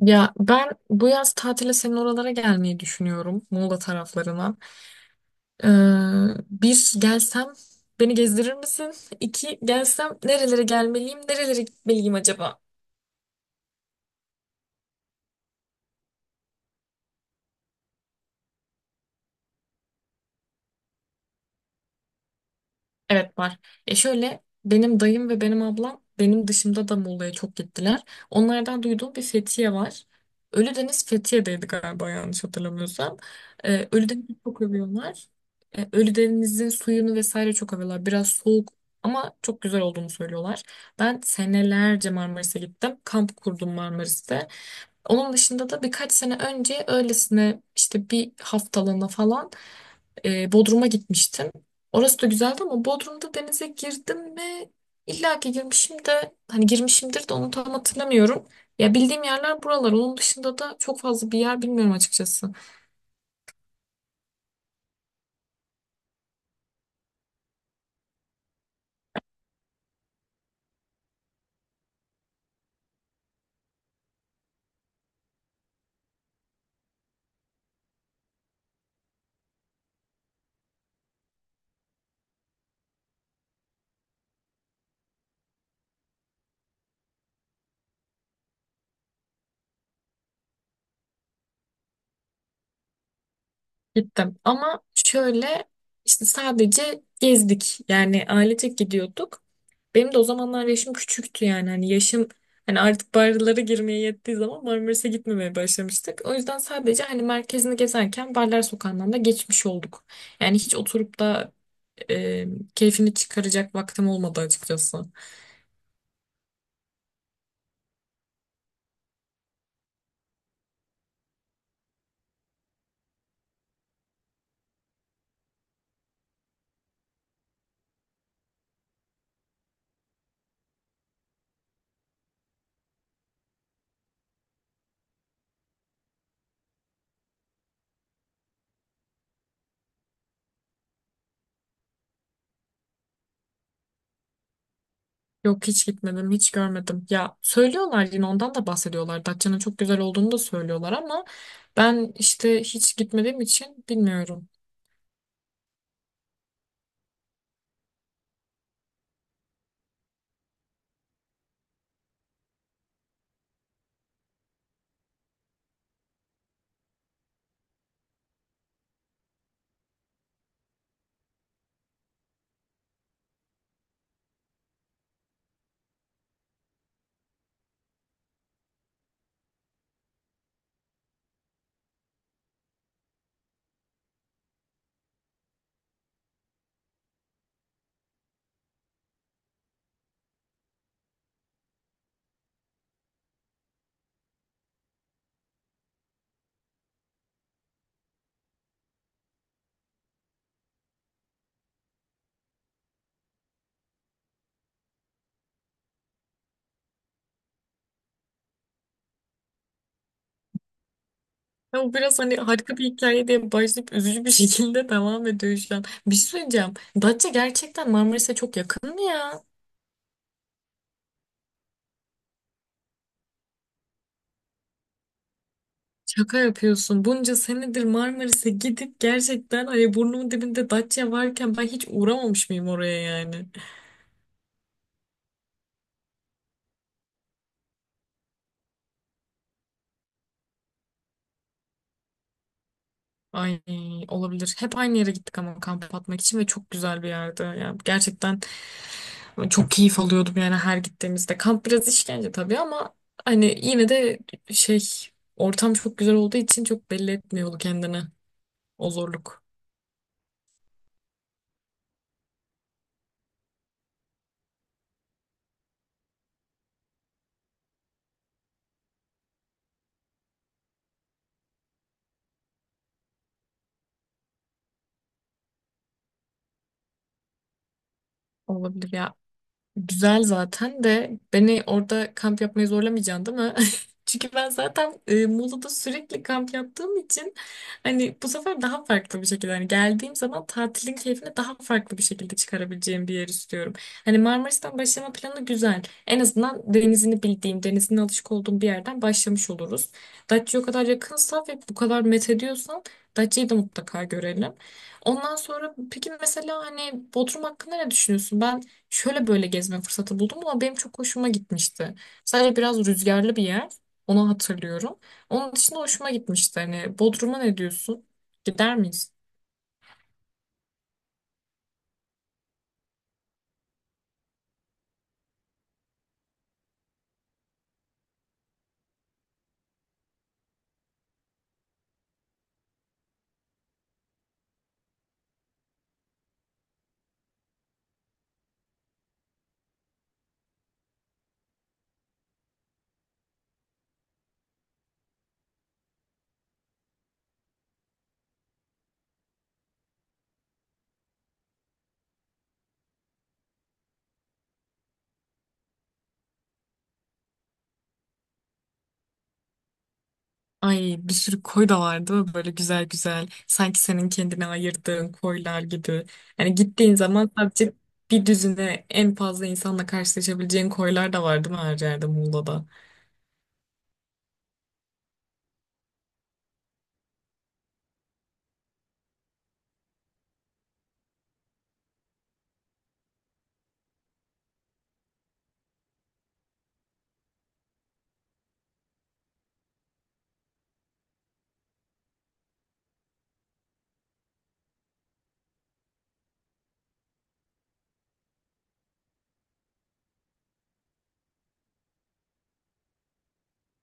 Ya ben bu yaz tatile senin oralara gelmeyi düşünüyorum. Muğla taraflarına. Ee, Bir gelsem beni gezdirir misin? İki gelsem nerelere gelmeliyim, nerelere gitmeliyim acaba? Evet var. Ya şöyle benim dayım ve benim ablam benim dışımda da Muğla'ya çok gittiler. Onlardan duyduğum bir Fethiye var. Ölüdeniz Fethiye'deydi galiba yanlış hatırlamıyorsam. Ölüdeniz'i çok övüyorlar. Ölüdeniz'in suyunu vesaire çok övüyorlar. Biraz soğuk ama çok güzel olduğunu söylüyorlar. Ben senelerce Marmaris'e gittim. Kamp kurdum Marmaris'te. Onun dışında da birkaç sene önce öylesine işte bir haftalığına falan Bodrum'a gitmiştim. Orası da güzeldi ama Bodrum'da denize girdim mi? İlla ki girmişim de hani girmişimdir de onu tam hatırlamıyorum. Ya bildiğim yerler buralar. Onun dışında da çok fazla bir yer bilmiyorum açıkçası. Gittim ama şöyle işte sadece gezdik yani ailecek gidiyorduk. Benim de o zamanlar yaşım küçüktü yani hani yaşım hani artık barlara girmeye yettiği zaman Marmaris'e gitmemeye başlamıştık. O yüzden sadece hani merkezini gezerken Barlar Sokağı'ndan da geçmiş olduk. Yani hiç oturup da e, keyfini çıkaracak vaktim olmadı açıkçası. Yok hiç gitmedim, hiç görmedim. Ya söylüyorlar yine ondan da bahsediyorlar. Datça'nın çok güzel olduğunu da söylüyorlar ama ben işte hiç gitmediğim için bilmiyorum. Ya biraz hani harika bir hikaye diye başlayıp üzücü bir şekilde devam ediyor şu an. Bir şey söyleyeceğim. Datça gerçekten Marmaris'e çok yakın mı ya? Şaka yapıyorsun. Bunca senedir Marmaris'e gidip gerçekten hani burnumun dibinde Datça varken ben hiç uğramamış mıyım oraya yani? Ay olabilir. Hep aynı yere gittik ama kamp atmak için ve çok güzel bir yerde. Yani gerçekten çok keyif alıyordum yani her gittiğimizde. Kamp biraz işkence tabii ama hani yine de şey. Ortam çok güzel olduğu için çok belli etmiyordu kendini. O zorluk olabilir ya. Güzel zaten de beni orada kamp yapmayı zorlamayacaksın değil mi? Çünkü ben zaten Muğla'da sürekli kamp yaptığım için hani bu sefer daha farklı bir şekilde hani geldiğim zaman tatilin keyfini daha farklı bir şekilde çıkarabileceğim bir yer istiyorum. Hani Marmaris'ten başlama planı güzel. En azından denizini bildiğim, denizine alışık olduğum bir yerden başlamış oluruz. Datça'ya o kadar yakınsa ve bu kadar met ediyorsan Datça'yı da mutlaka görelim. Ondan sonra peki mesela hani Bodrum hakkında ne düşünüyorsun? Ben şöyle böyle gezme fırsatı buldum ama benim çok hoşuma gitmişti. Sadece biraz rüzgarlı bir yer. Onu hatırlıyorum. Onun dışında hoşuma gitmişti. Hani Bodrum'a ne diyorsun? Gider miyiz? Ay bir sürü koy da vardı böyle güzel güzel. Sanki senin kendine ayırdığın koylar gibi. Yani gittiğin zaman sadece bir düzine en fazla insanla karşılaşabileceğin koylar da vardı mı her yerde Muğla'da?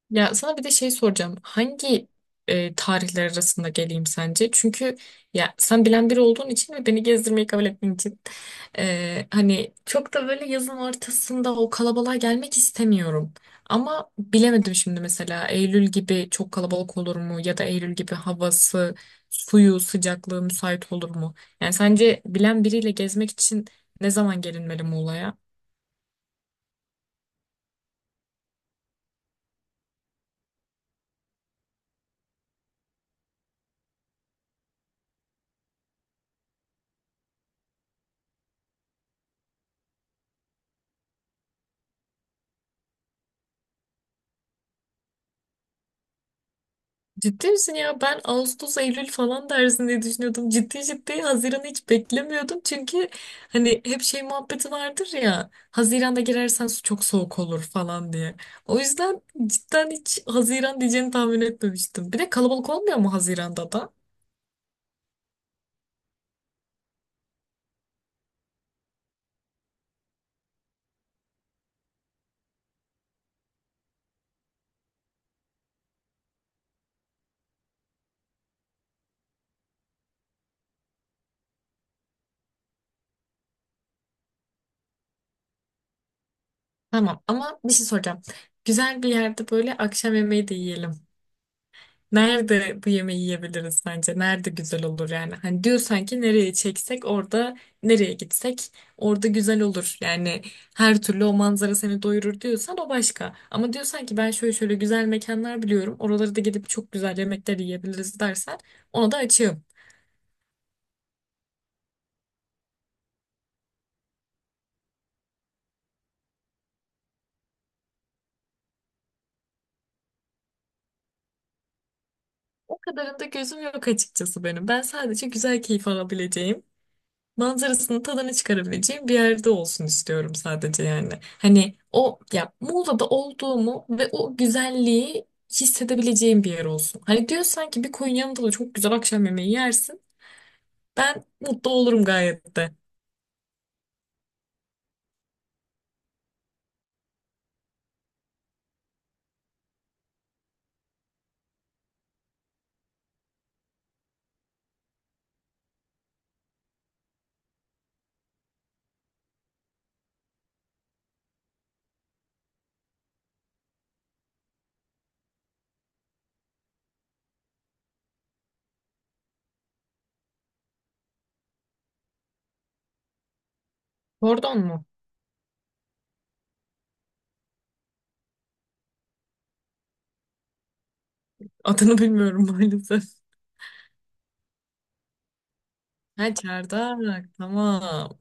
Ya sana bir de şey soracağım. Hangi tarihler arasında geleyim sence? Çünkü ya sen bilen biri olduğun için ve beni gezdirmeyi kabul ettiğin için hani çok da böyle yazın ortasında o kalabalığa gelmek istemiyorum. Ama bilemedim şimdi mesela Eylül gibi çok kalabalık olur mu ya da Eylül gibi havası, suyu, sıcaklığı müsait olur mu? Yani sence bilen biriyle gezmek için ne zaman gelinmeli Muğla'ya? Ciddi misin ya? Ben Ağustos, Eylül falan dersin diye düşünüyordum. Ciddi ciddi Haziran'ı hiç beklemiyordum. Çünkü hani hep şey muhabbeti vardır ya. Haziran'da girersen su çok soğuk olur falan diye. O yüzden cidden hiç Haziran diyeceğini tahmin etmemiştim. Bir de kalabalık olmuyor mu Haziran'da da? Tamam ama bir şey soracağım. Güzel bir yerde böyle akşam yemeği de yiyelim. Nerede bu yemeği yiyebiliriz sence? Nerede güzel olur yani? Hani diyorsan ki nereye çeksek orada nereye gitsek orada güzel olur. Yani her türlü o manzara seni doyurur diyorsan o başka. Ama diyorsan ki ben şöyle şöyle güzel mekanlar biliyorum. Oralara da gidip çok güzel yemekler yiyebiliriz dersen ona da açığım. O kadarında gözüm yok açıkçası benim. Ben sadece güzel keyif alabileceğim manzarasını, tadını çıkarabileceğim bir yerde olsun istiyorum sadece yani. Hani o ya Muğla'da olduğumu ve o güzelliği hissedebileceğim bir yer olsun. Hani diyorsan ki bir koyun yanında da çok güzel akşam yemeği yersin. Ben mutlu olurum gayet de. Pardon mu? Adını bilmiyorum maalesef. Ha, çardak, tamam.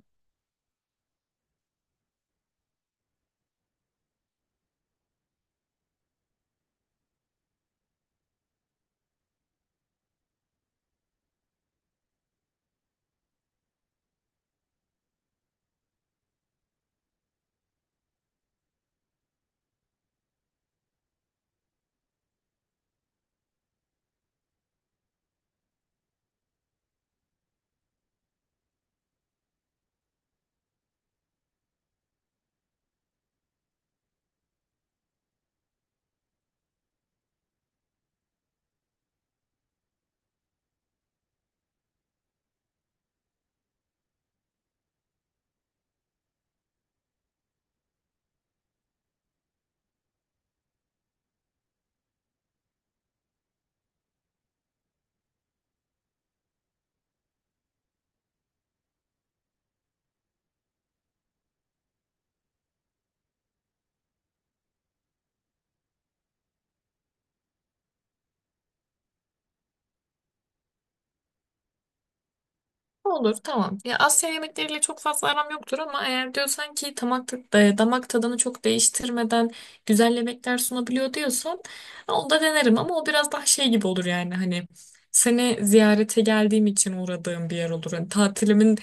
Olur, tamam. Ya Asya yemekleriyle çok fazla aram yoktur ama eğer diyorsan ki damak, damak tadını çok değiştirmeden güzel yemekler sunabiliyor diyorsan onu da denerim ama o biraz daha şey gibi olur yani hani seni ziyarete geldiğim için uğradığım bir yer olur. Hani tatilimin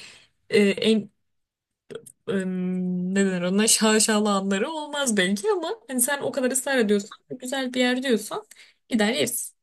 e, en e, ne denir ona, şaşalı anları olmaz belki ama hani sen o kadar ısrar ediyorsan güzel bir yer diyorsan gider yeriz.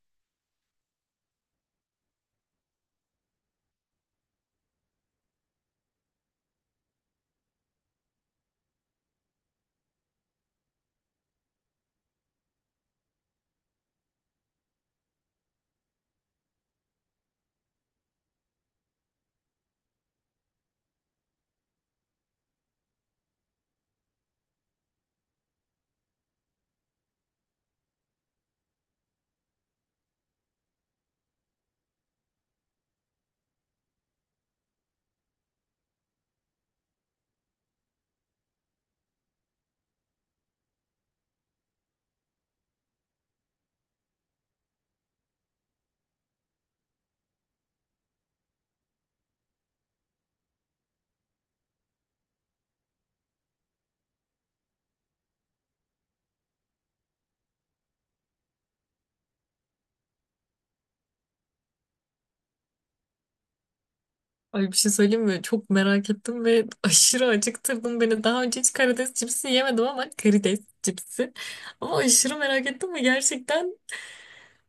Ay, bir şey söyleyeyim mi? Çok merak ettim ve aşırı acıktırdın beni. Daha önce hiç karides cipsi yemedim ama karides cipsi. Ama aşırı merak ettim ve gerçekten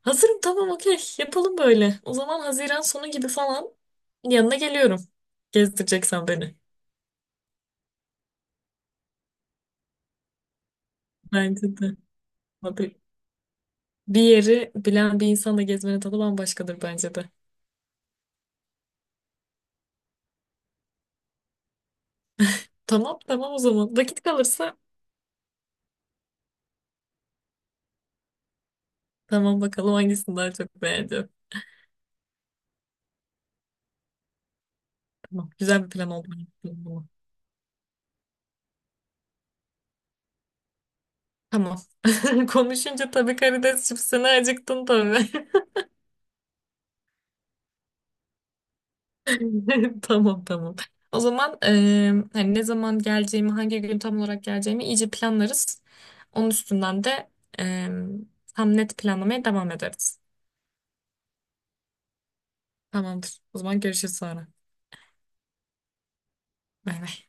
hazırım, tamam, okey, yapalım böyle. O zaman Haziran sonu gibi falan yanına geliyorum. Gezdireceksen beni. Bence de. Abi, bir yeri bilen bir insanla gezmenin tadı bambaşkadır bence de. Tamam tamam o zaman. Vakit kalırsa tamam, bakalım hangisini daha çok beğendim. Tamam, güzel bir plan oldu. Tamam. Konuşunca tabii karides çipsine acıktın tabii. Tamam tamam. O zaman hani ne zaman geleceğimi, hangi gün tam olarak geleceğimi iyice planlarız. Onun üstünden de eee, tam net planlamaya devam ederiz. Tamamdır. O zaman görüşürüz sonra. Bay bay.